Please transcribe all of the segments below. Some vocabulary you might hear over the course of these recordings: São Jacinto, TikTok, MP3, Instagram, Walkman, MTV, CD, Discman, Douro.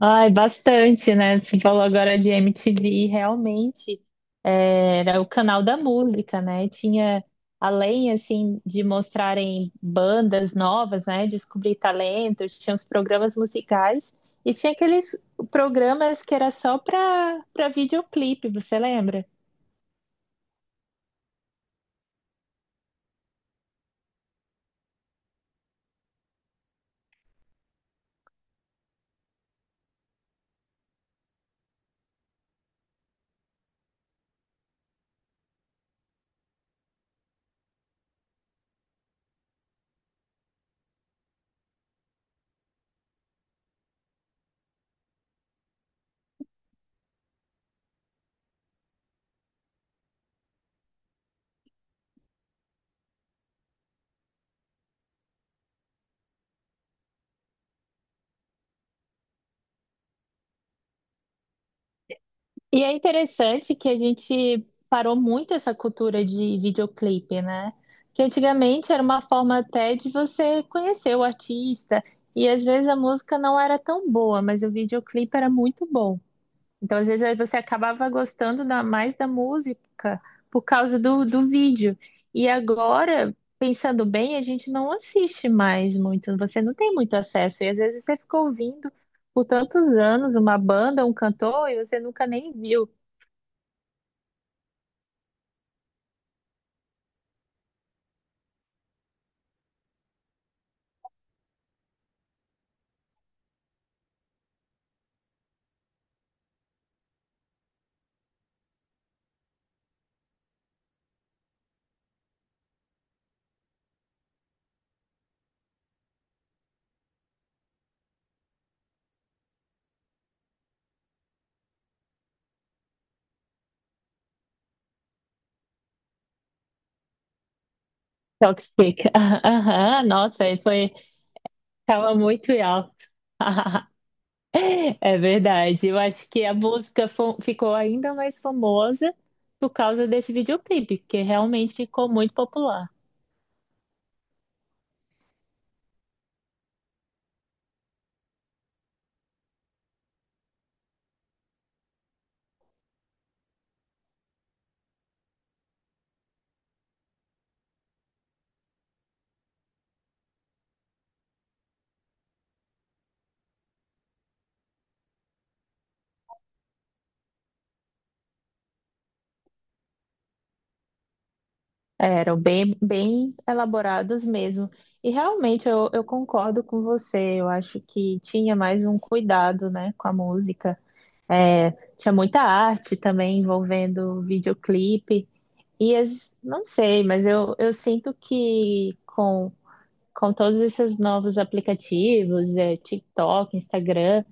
Ai, bastante, né? Você falou agora de MTV, realmente era o canal da música, né? Tinha, além, assim, de mostrarem bandas novas, né? Descobrir talentos, tinha os programas musicais e tinha aqueles programas que era só para videoclipe, você lembra? E é interessante que a gente parou muito essa cultura de videoclipe, né? Que antigamente era uma forma até de você conhecer o artista, e às vezes a música não era tão boa, mas o videoclipe era muito bom. Então, às vezes, aí você acabava mais da música por causa do, do vídeo. E agora, pensando bem, a gente não assiste mais muito, você não tem muito acesso, e às vezes você ficou ouvindo por tantos anos uma banda, um cantor, e você nunca nem viu. Toxic. Aham, nossa, aí foi, tava muito em alta. É verdade. Eu acho que a música ficou ainda mais famosa por causa desse videoclipe, que realmente ficou muito popular. Eram bem, bem elaborados mesmo. E realmente eu concordo com você. Eu acho que tinha mais um cuidado, né, com a música. É, tinha muita arte também envolvendo o videoclipe. E as, não sei, mas eu sinto que com todos esses novos aplicativos, é, TikTok, Instagram,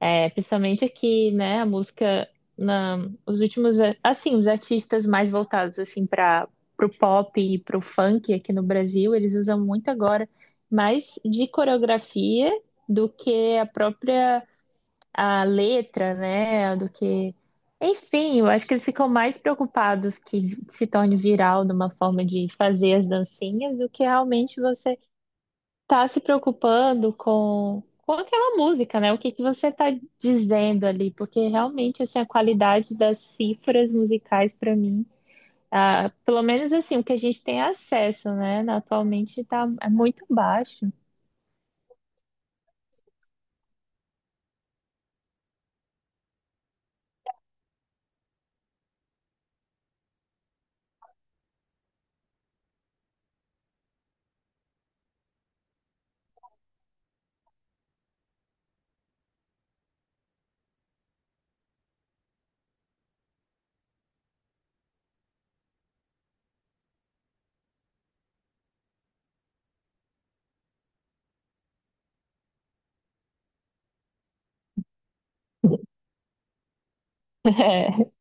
é, principalmente aqui, né, a música, na, os últimos, assim, os artistas mais voltados, assim, para o pop e para o funk aqui no Brasil, eles usam muito agora mais de coreografia do que a própria a letra, né, do que. Enfim, eu acho que eles ficam mais preocupados que se torne viral numa forma de fazer as dancinhas do que realmente você tá se preocupando com aquela música, né? O que que você tá dizendo ali? Porque realmente assim, a qualidade das cifras musicais para mim, ah, pelo menos assim, o que a gente tem acesso, né, atualmente tá muito baixo.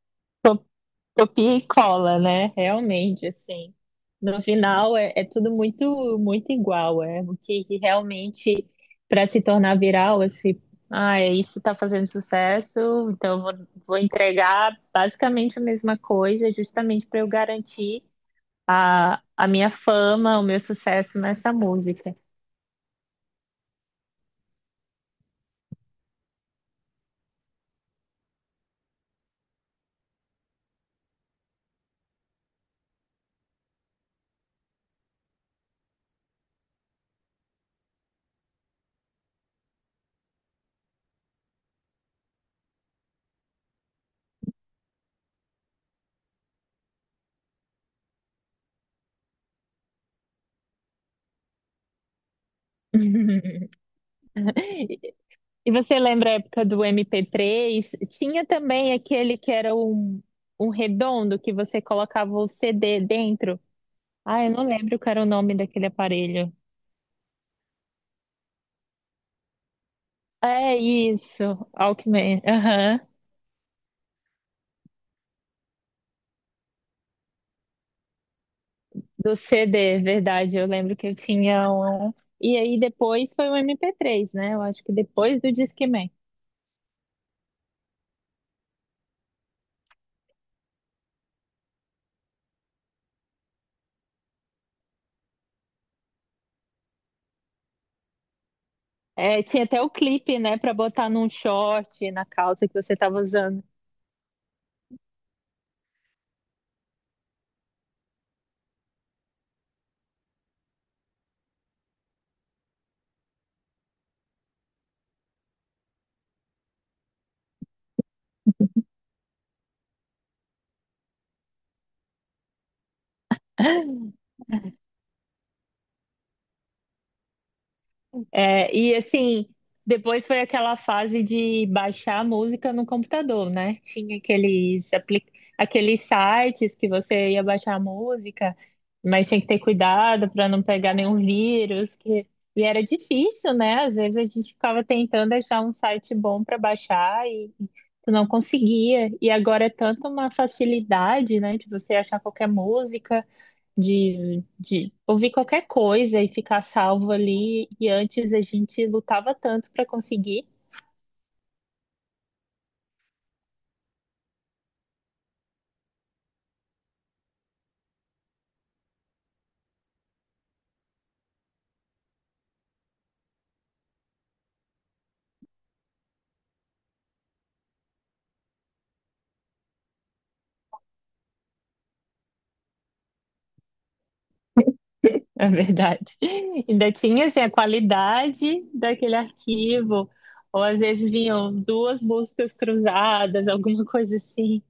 Copia e cola, né? Realmente, assim. No final é tudo muito muito igual, é o que realmente para se tornar viral, assim, ah, é isso está fazendo sucesso, então vou entregar basicamente a mesma coisa, justamente para eu garantir a minha fama, o meu sucesso nessa música. E você lembra a época do MP3? Tinha também aquele que era um, um redondo que você colocava o CD dentro. Ah, eu não lembro qual era o nome daquele aparelho. É isso, Walkman. Aham. Do CD, verdade. Eu lembro que eu tinha um. E aí depois foi o MP3, né? Eu acho que depois do Discman. É, tinha até o clipe, né, pra botar num short, na calça que você tava usando. É, e assim, depois foi aquela fase de baixar a música no computador, né? Tinha aqueles sites que você ia baixar a música, mas tinha que ter cuidado para não pegar nenhum vírus. Que... E era difícil, né? Às vezes a gente ficava tentando achar um site bom para baixar e tu não conseguia. E agora é tanta uma facilidade, né, de você achar qualquer música de ouvir qualquer coisa e ficar salvo ali. E antes a gente lutava tanto para conseguir, é verdade. Ainda tinha assim, a qualidade daquele arquivo, ou às vezes vinham duas músicas cruzadas, alguma coisa assim.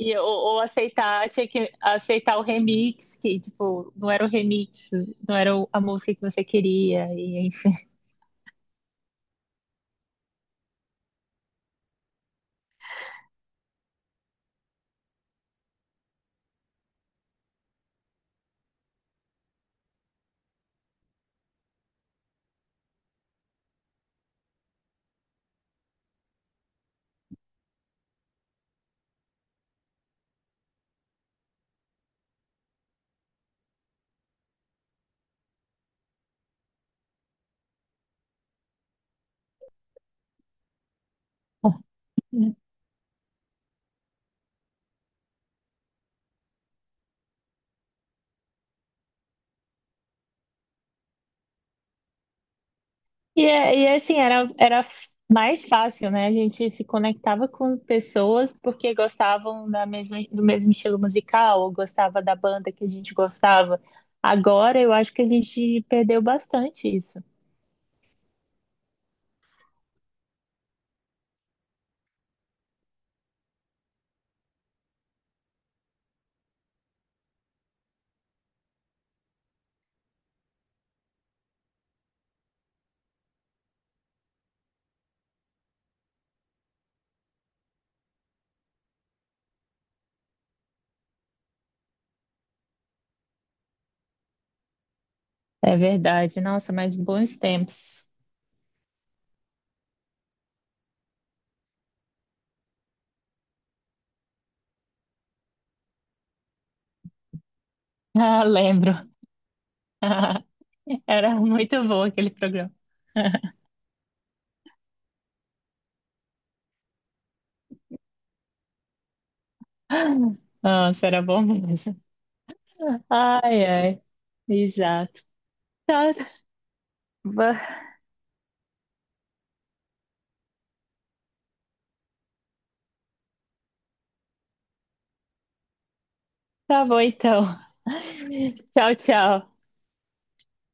Ou aceitar, tinha que aceitar o remix, que tipo, não era o remix, não era a música que você queria, e enfim. E é assim, era mais fácil, né? A gente se conectava com pessoas porque gostavam da mesma, do mesmo estilo musical ou gostava da banda que a gente gostava. Agora eu acho que a gente perdeu bastante isso. É verdade. Nossa, mas bons tempos. Ah, lembro. Era muito bom aquele programa. Nossa, era bom mesmo. Ai, ai. Exato. Va- Tá bom então. Tchau, tchau.